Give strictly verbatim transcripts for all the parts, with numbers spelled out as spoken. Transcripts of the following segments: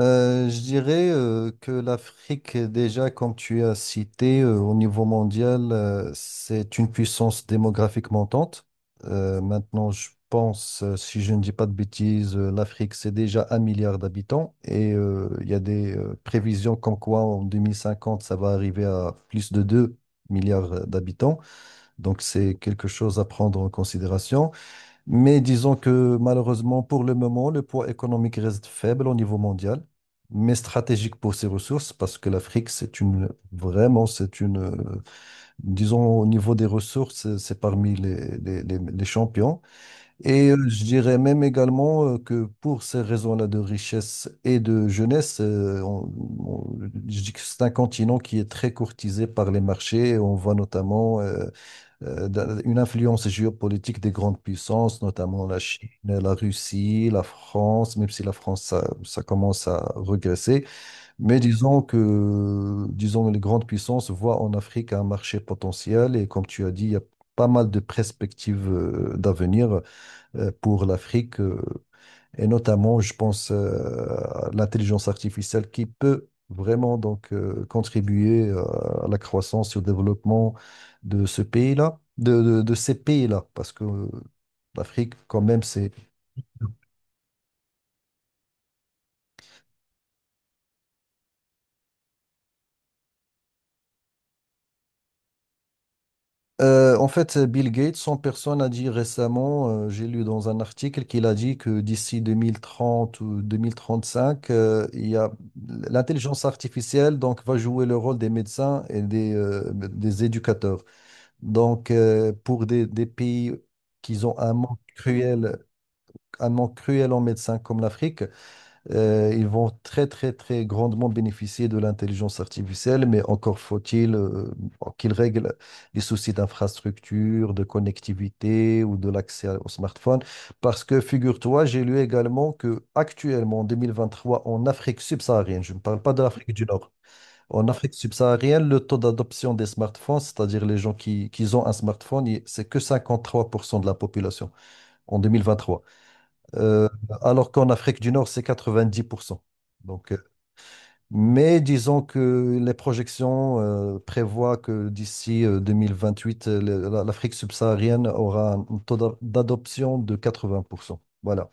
Euh, je dirais euh, que l'Afrique, déjà, comme tu as cité, euh, au niveau mondial, euh, c'est une puissance démographique montante. Euh, maintenant, je pense, euh, si je ne dis pas de bêtises, euh, l'Afrique, c'est déjà un milliard d'habitants et euh, il y a des euh, prévisions comme quoi en deux mille cinquante, ça va arriver à plus de deux milliards euh, d'habitants. Donc, c'est quelque chose à prendre en considération. Mais disons que malheureusement, pour le moment, le poids économique reste faible au niveau mondial, mais stratégique pour ses ressources, parce que l'Afrique, c'est une, vraiment, c'est une, euh, disons, au niveau des ressources, c'est c'est parmi les, les, les- les champions. Et euh, je dirais même également euh, que pour ces raisons-là de richesse et de jeunesse, euh, on- on- je dis que c'est un continent qui est très courtisé par les marchés. On voit notamment euh, euh, d'un- une influence géopolitique des grandes puissances, notamment la Chine, la Russie, la France, même si la France, ça, ça commence à regresser. Mais disons que, disons, les grandes puissances voient en Afrique un marché potentiel et comme tu as dit, il y a pas mal de perspectives euh, d'avenir euh, pour l'Afrique, euh, et notamment, je pense, euh, à l'intelligence artificielle qui peut vraiment donc euh, contribuer euh, à la croissance et au développement de ce pays-là, de, de- de ces pays-là, parce que euh, l'Afrique, quand même, c'est... Euh, en fait, Bill Gates, son personne a dit récemment, euh, j'ai lu dans un article qu'il a dit que d'ici deux mille trente ou deux mille trente-cinq, euh, il y a l'intelligence artificielle donc va jouer le rôle des médecins et des, euh, des éducateurs. Donc, euh, pour des, des pays qui ont un manque cruel, un manque cruel en médecins comme l'Afrique, euh, ils vont très, très, très grandement bénéficier de l'intelligence artificielle, mais encore faut-il euh, qu'ils règlent les soucis d'infrastructure, de connectivité ou de l'accès au smartphone. Parce que, figure-toi, j'ai lu également que actuellement, en deux mille vingt-trois, en Afrique subsaharienne, je ne parle pas de l'Afrique du Nord, en Afrique subsaharienne, le taux d'adoption des smartphones, c'est-à-dire les gens qui, qui ont un smartphone, il- c'est que cinquante-trois pour cent de la population en deux mille vingt-trois. Euh, alors qu'en Afrique du Nord, c'est quatre-vingt-dix pour cent. Donc, euh, mais disons que les projections euh, prévoient que d'ici euh, deux mille vingt-huit, euh, le- la- l'Afrique subsaharienne aura un taux d'a- d'adoption de quatre-vingts pour cent. Voilà.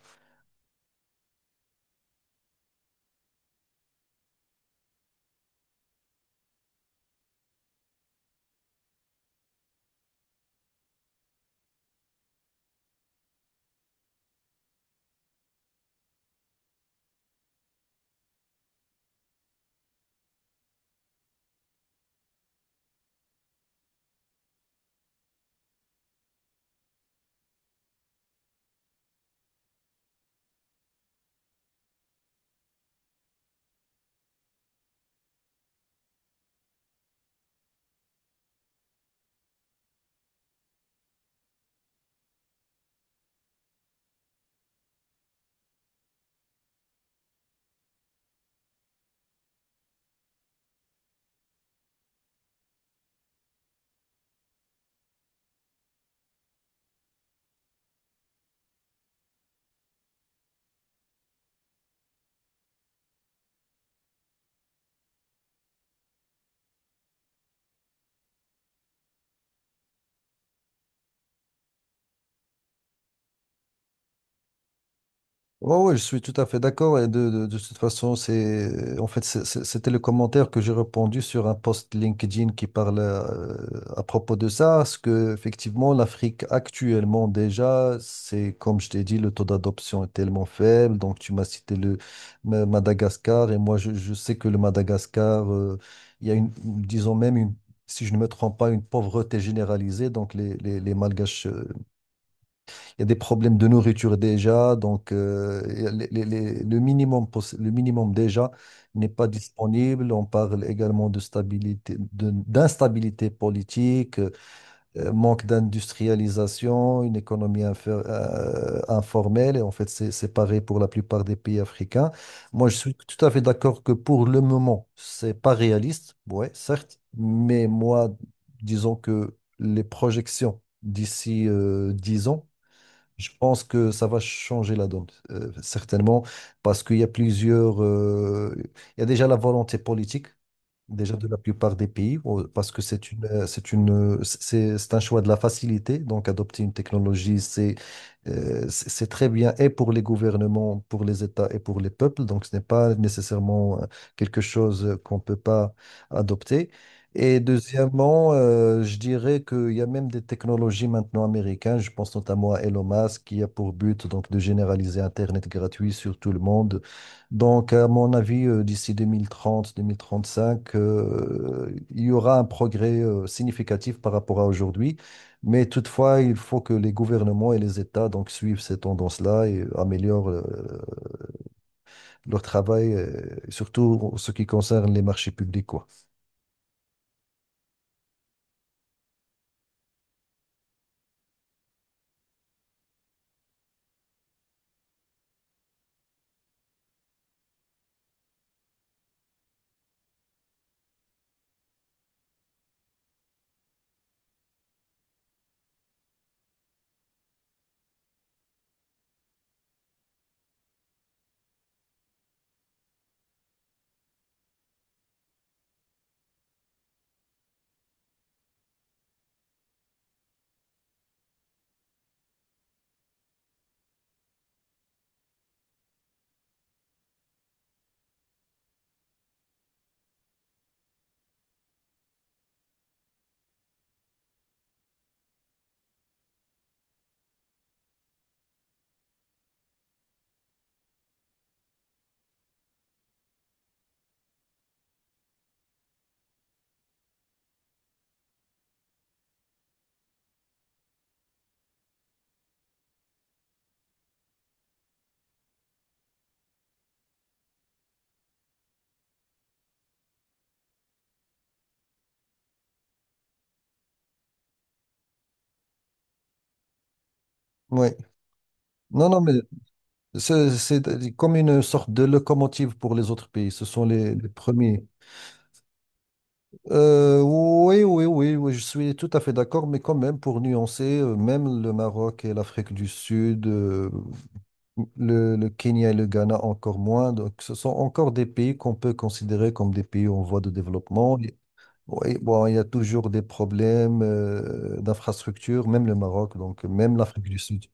Ouais, oui, je suis tout à fait d'accord. Et de, de, de toute façon, c'est en fait c'est- c'est- c'était le commentaire que j'ai répondu sur un post LinkedIn qui parle euh, à propos de ça, parce que effectivement l'Afrique actuellement déjà, c'est comme je t'ai dit, le taux d'adoption est tellement faible. Donc tu m'as cité le Ma- Madagascar et moi je, je sais que le Madagascar, euh, il y a une, disons même une, si je ne me trompe pas, une pauvreté généralisée. Donc les, les, les Malgaches, euh, il y a des problèmes de nourriture déjà. Donc euh, il y a les- les- les- le minimum, poss- le minimum déjà n'est pas disponible. On parle également de stabilité, de- d'instabilité politique, euh, manque d'industrialisation, une économie inf- euh, informelle. Et en fait, c'est c'est pareil pour la plupart des pays africains. Moi, je suis tout à fait d'accord que pour le moment, c'est pas réaliste, ouais, certes, mais moi, disons que les projections d'ici euh, dix ans, je pense que ça va changer la donne, euh, certainement, parce qu'il y a plusieurs. Euh, il y a déjà la volonté politique déjà de la plupart des pays, au- parce que c'est une, euh, c'est une, euh, c'est, c'est un choix de la facilité. Donc, adopter une technologie, c'est, euh, c'est c'est très bien et pour les gouvernements, pour les États et pour les peuples. Donc, ce n'est pas nécessairement euh, quelque chose euh, qu'on ne peut pas adopter. Et deuxièmement, euh, je dirais qu'il y a même des technologies maintenant américaines. Je pense notamment à Elon Musk qui a pour but donc de généraliser Internet gratuit sur tout le monde. Donc, à mon avis, euh, d'ici deux mille trente, deux mille trente-cinq, euh, il y aura un progrès euh, significatif par rapport à aujourd'hui. Mais toutefois, il faut que les gouvernements et les États donc, suivent ces tendances-là et améliorent euh, leur travail, euh, surtout en ce qui concerne les marchés publics, quoi. Oui. Non, non, mais c'est c'est comme une sorte de locomotive pour les autres pays. Ce sont les les premiers. Euh, oui, oui, oui, oui, je suis tout à fait d'accord, mais quand même, pour nuancer, euh, même le Maroc et l'Afrique du Sud, euh, le, le Kenya et le Ghana encore moins, donc ce sont encore des pays qu'on peut considérer comme des pays en voie de développement. Et- Oui, bon, il y a toujours des problèmes euh, d'infrastructure, même le Maroc, donc même l'Afrique du Sud.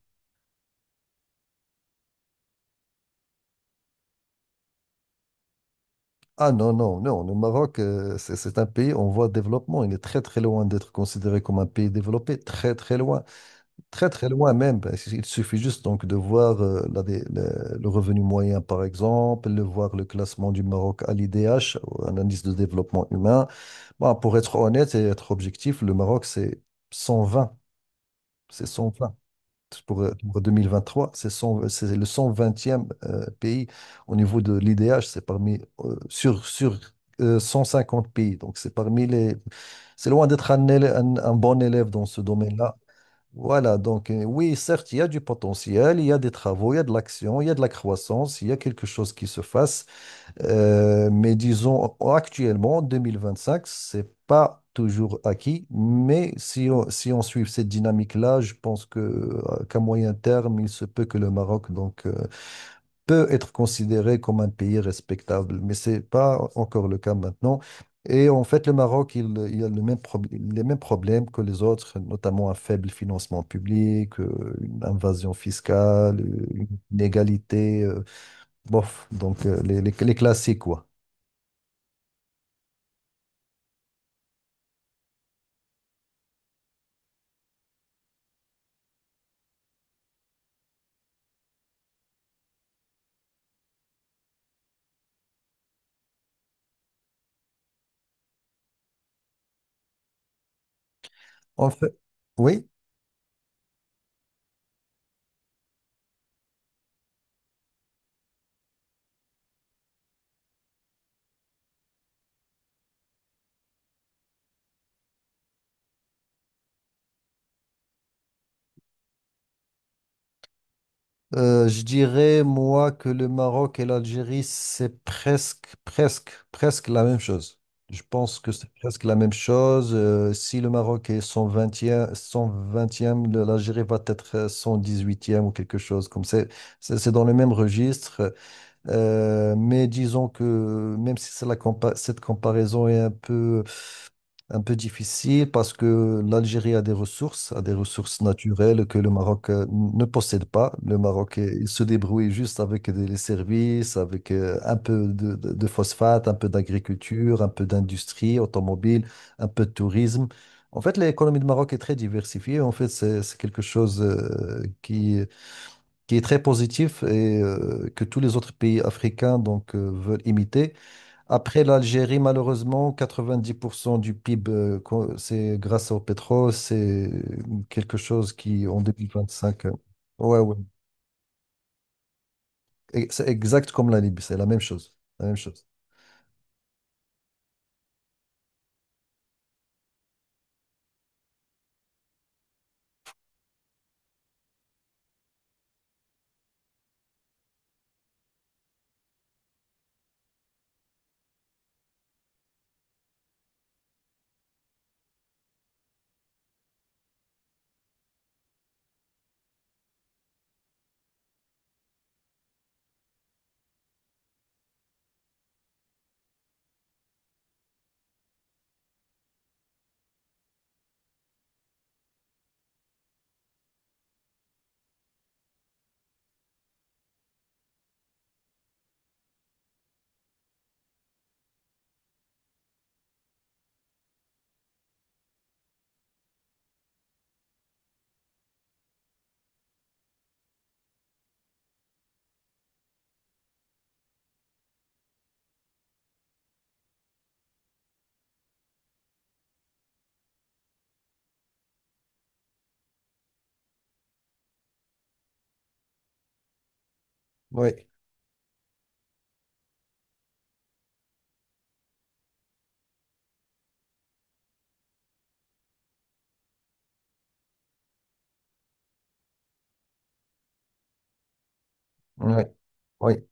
Ah non, non, non, le Maroc, euh, c'est c'est un pays en voie de développement, il est très, très loin d'être considéré comme un pays développé, très, très loin. Très, très loin même. parce qu'il- Il suffit juste donc de voir euh, la dé- le, le revenu moyen, par exemple, de voir le classement du Maroc à l'I D H, un indice de développement humain. Bon, pour être honnête et être objectif, le Maroc, c'est cent vingt. C'est cent vingt. Pour, euh, pour vingt vingt-trois, c'est cent c'est le cent vingtième euh, pays au niveau de l'I D H. C'est parmi euh, sur, sur euh, cent cinquante pays. Donc, c'est parmi les. C'est loin d'être un, élè- un un bon élève dans ce domaine-là. Voilà. Donc euh, oui, certes, il y a du potentiel, il y a des travaux, il y a de l'action, il y a de la croissance, il y a quelque chose qui se fasse. Euh, mais disons actuellement, en deux mille vingt-cinq, c'est pas toujours acquis, mais si on, si on suit cette dynamique-là, je pense que euh, qu'à moyen terme, il se peut que le Maroc donc, euh, peut être considéré comme un pays respectable, mais c'est pas encore le cas maintenant. Et en fait, le Maroc, il, il a le même probl- les mêmes problèmes que les autres, notamment un faible financement public, euh, une invasion fiscale, euh, une inégalité, euh, bof, donc euh, les, les- les classiques, quoi. En fait, oui? Euh, je dirais, moi, que le Maroc et l'Algérie, c'est presque, presque, presque la même chose. Je pense que c'est presque la même chose. Euh, si le Maroc est 120 vingtième, 120 vingtième, le- l'Algérie va être euh, cent dix-huitième ou quelque chose comme ça. C'est c'est dans le même registre. Euh, mais disons que même si c'est la compa- cette comparaison est un peu un peu difficile parce que l'Algérie a des ressources, a des ressources naturelles que le Maroc euh, ne possède pas. Le Maroc, euh, il se débrouille juste avec des, les services, avec euh, un peu de, de- de phosphate, un peu d'agriculture, un peu d'industrie automobile, un peu de tourisme. En fait, l'économie du Maroc est très diversifiée. En fait, c'est c'est quelque chose euh, qui, qui est très positif et euh, que tous les autres pays africains donc, euh, veulent imiter. Après l'Algérie, malheureusement, quatre-vingt-dix pour cent du P I B, euh, qu'on- c'est grâce au pétrole, c'est quelque chose qui, en deux mille vingt-cinq, euh, ouais, ouais. Et c'est exact comme la Libye, c'est la même chose, la même chose. Oui, oui, oui.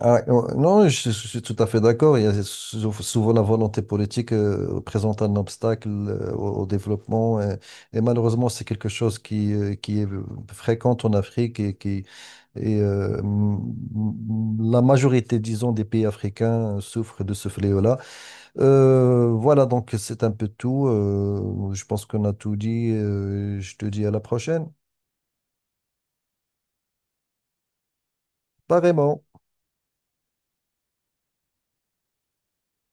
Ah, euh, non, je, je suis tout à fait d'accord. Il y a sou- souvent la volonté politique euh, présente un obstacle euh, au, au développement. euh, Et, malheureusement, c'est quelque chose qui, euh, qui est fréquent en Afrique et qui et, euh, m- m- la majorité, disons, des pays africains souffrent de ce fléau-là. Euh, voilà, donc c'est un peu tout. Euh, je pense qu'on a tout dit. Euh, je te dis à la prochaine. Pas vraiment.